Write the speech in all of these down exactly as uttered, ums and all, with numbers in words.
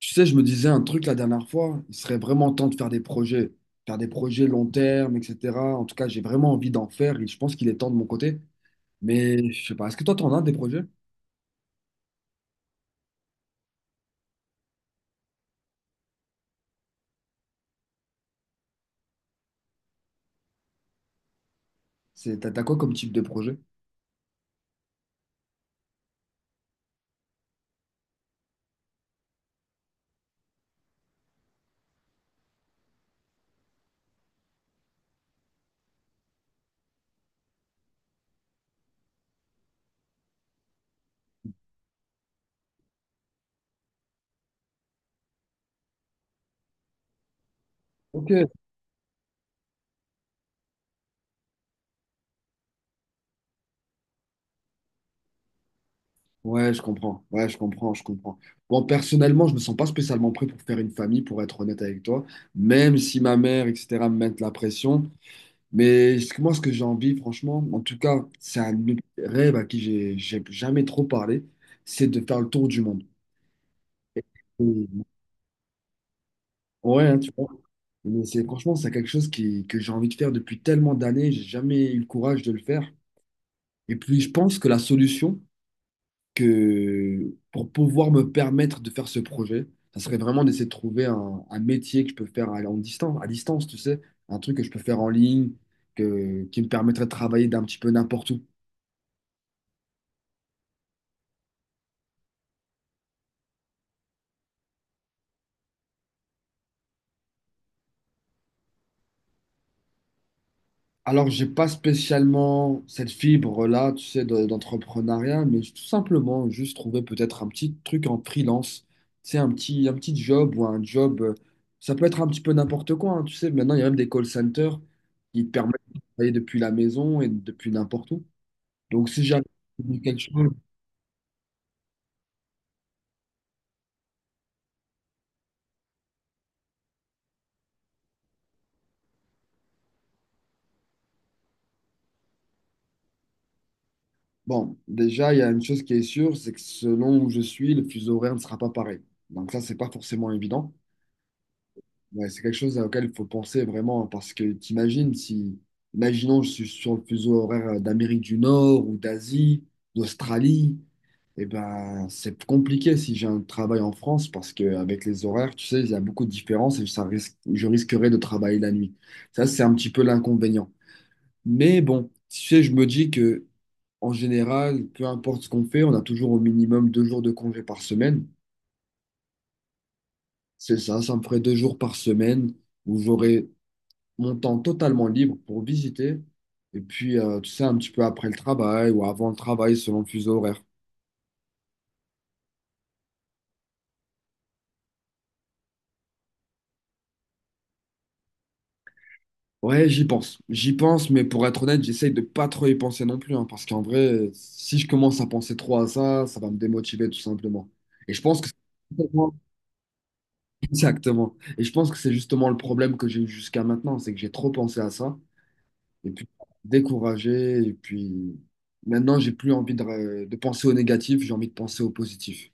Tu sais, je me disais un truc la dernière fois, il serait vraiment temps de faire des projets, faire des projets long terme, et cetera. En tout cas, j'ai vraiment envie d'en faire et je pense qu'il est temps de mon côté. Mais je sais pas, est-ce que toi, t'en as des projets? C'est, t'as t'as quoi comme type de projet? Ok. Ouais, je comprends. Ouais, je comprends, je comprends. Bon, personnellement, je me sens pas spécialement prêt pour faire une famille, pour être honnête avec toi, même si ma mère, et cetera, me mettent la pression. Mais ce que- moi, ce que j'ai envie, franchement, en tout cas, c'est un autre rêve à qui j'ai j'ai jamais trop parlé, c'est de faire le tour du monde. Oui. Ouais, hein, tu vois. Mais c'est franchement, c'est quelque chose qui, que j'ai envie de faire depuis tellement d'années, j'ai jamais eu le courage de le faire. Et puis, je pense que la solution que pour pouvoir me permettre de faire ce projet, ça serait vraiment d'essayer de trouver un, un métier que je peux faire à, en distance, à distance, tu sais, un truc que je peux faire en ligne, que, qui me permettrait de travailler d'un petit peu n'importe où. Alors, j'ai pas spécialement cette fibre-là, tu sais, de- d'entrepreneuriat, mais tout simplement juste trouver peut-être un petit truc en freelance, tu sais, un petit, un petit job ou un job, euh, ça peut être un petit peu n'importe quoi, hein, tu sais, maintenant il y a même des call centers qui te permettent de travailler depuis la maison et depuis n'importe où. Donc, si j'arrive à trouver quelque chose, bon, déjà, il y a une chose qui est sûre, c'est que selon où je suis, le fuseau horaire ne sera pas pareil. Donc ça, c'est pas forcément évident. Ouais, c'est quelque chose auquel il faut penser vraiment, parce que t'imagines si, imaginons, je suis sur le fuseau horaire euh, d'Amérique du Nord ou d'Asie, d'Australie, et ben c'est compliqué si j'ai un travail en France, parce qu'avec les horaires, tu sais, il y a beaucoup de différences et ça risque, je risquerais de travailler la nuit. Ça, c'est un petit peu l'inconvénient. Mais bon, tu sais, je me dis que en général, peu importe ce qu'on fait, on a toujours au minimum deux jours de congé par semaine. C'est ça, ça me ferait deux jours par semaine où j'aurais mon temps totalement libre pour visiter. Et puis, euh, tu sais, un petit peu après le travail ou avant le travail, selon le fuseau horaire. Ouais, j'y pense. J'y pense, mais pour être honnête, j'essaye de pas trop y penser non plus, hein, parce qu'en vrai, si je commence à penser trop à ça, ça va me démotiver tout simplement. Et je pense que c'est- exactement. Et je pense que c'est justement le problème que j'ai eu jusqu'à maintenant, c'est que j'ai trop pensé à ça, et puis découragé, et puis maintenant, j'ai plus envie de, de penser au négatif, j'ai envie de penser au positif.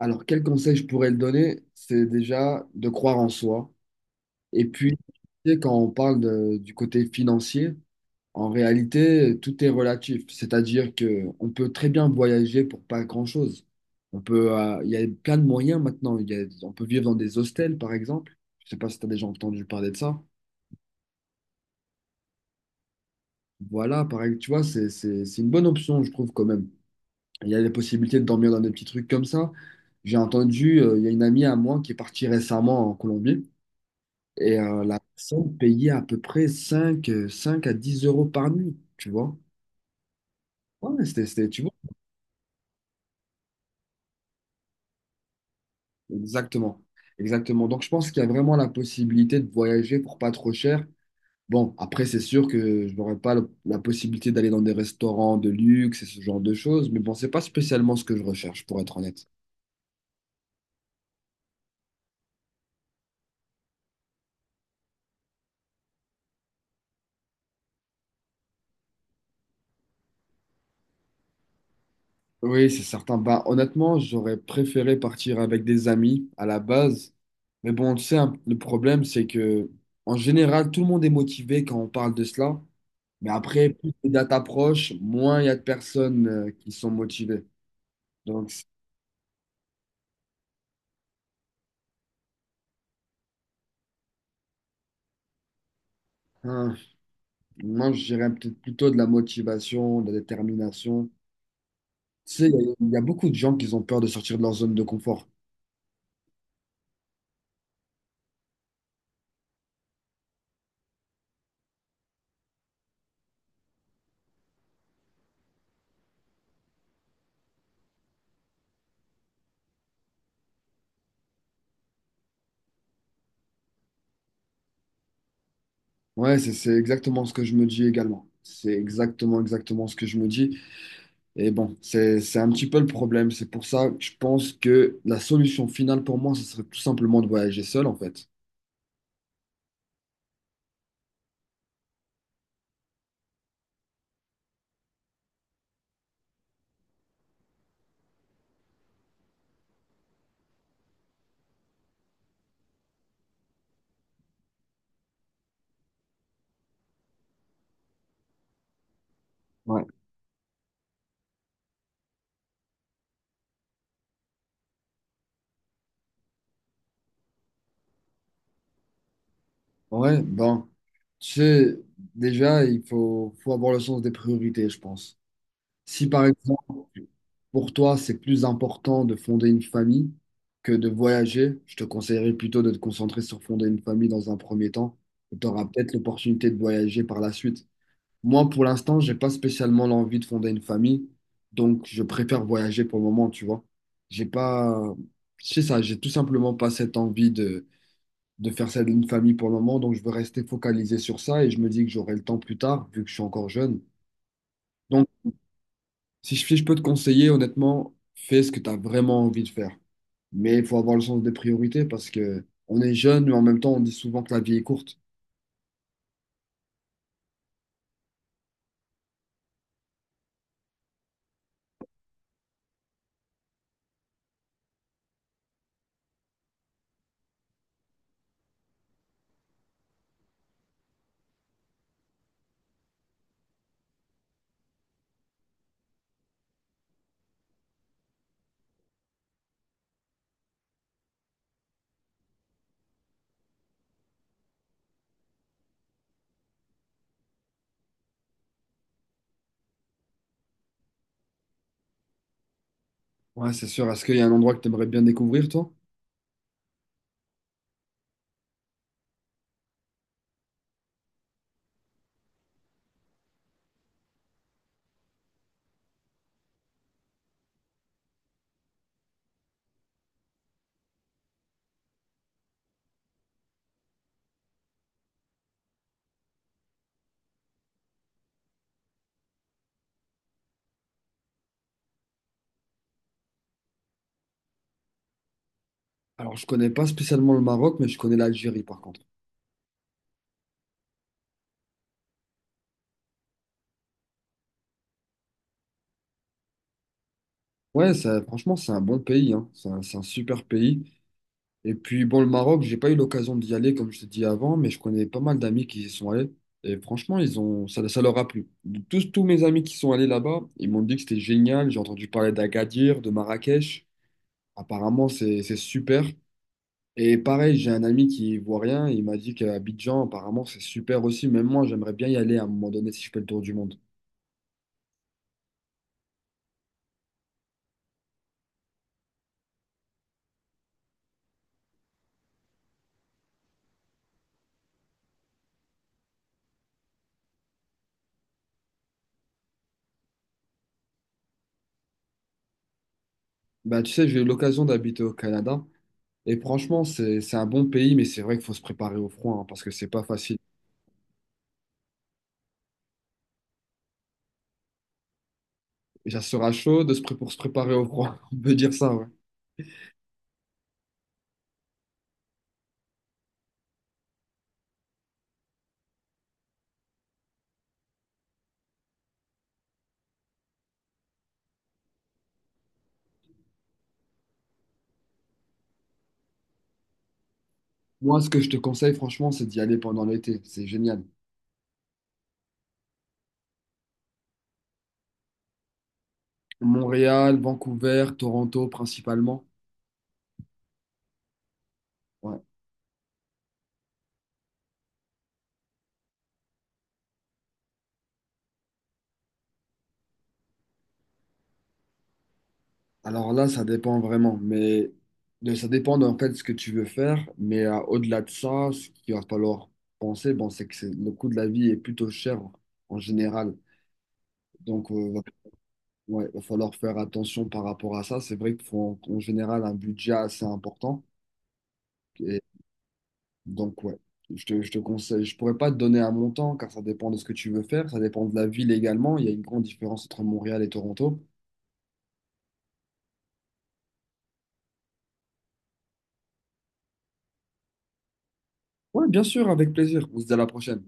Alors, quel conseil je pourrais le donner? C'est déjà de croire en soi. Et puis, tu sais, quand on parle de- du côté financier, en réalité, tout est relatif. C'est-à-dire que on peut très bien voyager pour pas grand-chose. On peut, euh, il y a plein de moyens maintenant. Il y a- on peut vivre dans des hostels, par exemple. Je sais pas si tu as déjà entendu parler de ça. Voilà, pareil, tu vois, c'est, c'est, c'est une bonne option, je trouve, quand même. Il y a les possibilités de dormir dans des petits trucs comme ça. J'ai entendu, euh, il y a une amie à moi qui est partie récemment en Colombie. Et euh, la personne payait à peu près cinq euh, cinq à dix euros par nuit, tu vois. Ouais, c'était, c'était- tu vois, exactement. Exactement. Donc, je pense qu'il y a vraiment la possibilité de voyager pour pas trop cher. Bon, après, c'est sûr que je n'aurais pas le- la possibilité d'aller dans des restaurants de luxe et ce genre de choses, mais bon, c'est pas spécialement ce que je recherche, pour être honnête. Oui, c'est certain. Bah, honnêtement, j'aurais préféré partir avec des amis à la base. Mais bon, tu sais, hein, le problème, c'est que en général, tout le monde est motivé quand on parle de cela. Mais après, plus les dates approchent, moins il y a de personnes euh, qui sont motivées. Donc, c'est un- moi, je dirais peut-être plutôt de la motivation, de la détermination. Tu sais, il y, a il y a beaucoup de gens qui ont peur de sortir de leur zone de confort. Ouais, c'est c'est exactement ce que je me dis également. C'est exactement, exactement ce que je me dis. Et bon, c'est, c'est un petit peu le problème. C'est pour ça que je pense que la solution finale pour moi, ce serait tout simplement de voyager seul, en fait. Ouais. Ouais, ben, tu sais, déjà, il faut, faut avoir le sens des priorités, je pense. Si par exemple, pour toi, c'est plus important de fonder une famille que de voyager, je te conseillerais plutôt de te concentrer sur fonder une famille dans un premier temps. Tu auras peut-être l'opportunité de voyager par la suite. Moi, pour l'instant, j'ai pas spécialement l'envie de fonder une famille, donc je préfère voyager pour le moment, tu vois. J'ai pas, c'est ça, j'ai tout simplement pas cette envie de de faire celle d'une famille pour le moment. Donc, je veux rester focalisé sur ça et je me dis que j'aurai le temps plus tard, vu que je suis encore jeune. Donc, si je, si je peux te conseiller, honnêtement, fais ce que tu as vraiment envie de faire. Mais il faut avoir le sens des priorités parce que on est jeune, mais en même temps, on dit souvent que la vie est courte. Ouais, c'est sûr. Est-ce qu'il y a un endroit que tu aimerais bien découvrir, toi? Alors, je connais pas spécialement le Maroc, mais je connais l'Algérie, par contre. Ouais, ça, franchement, c'est un bon pays, hein. C'est un, c'est un super pays. Et puis, bon, le Maroc, j'ai pas eu l'occasion d'y aller, comme je t'ai dit avant, mais je connais pas mal d'amis qui y sont allés. Et franchement, ils ont, ça, ça leur a plu. Tous, tous mes amis qui sont allés là-bas, ils m'ont dit que c'était génial. J'ai entendu parler d'Agadir, de Marrakech. Apparemment, c'est, c'est super. Et pareil, j'ai un ami qui est ivoirien. Il m'a dit qu'à Abidjan, apparemment, c'est super aussi. Même moi, j'aimerais bien y aller à un moment donné si je fais le tour du monde. Bah, tu sais, j'ai eu l'occasion d'habiter au Canada. Et franchement, c'est, c'est un bon pays, mais c'est vrai qu'il faut se préparer au froid, hein, parce que c'est pas facile. Et ça sera chaud de se pré- pour se préparer au froid. On peut dire ça, ouais. Moi, ce que je te conseille, franchement, c'est d'y aller pendant l'été. C'est génial. Montréal, Vancouver, Toronto principalement. Ouais. Alors là, ça dépend vraiment. Mais de- ça dépend en fait de ce que tu veux faire. Mais euh, au-delà de ça, ce qu'il va falloir penser, bon, c'est que c'est- le coût de la vie est plutôt cher en général. Donc, euh, va- ouais, il va falloir faire attention par rapport à ça. C'est vrai qu'il faut en en général un budget assez important. Donc, ouais, je te, je te conseille. Je pourrais pas te donner un montant car ça dépend de ce que tu veux faire, ça dépend de la ville également. Il y a une grande différence entre Montréal et Toronto. Ouais, bien sûr, avec plaisir. On se dit à la prochaine.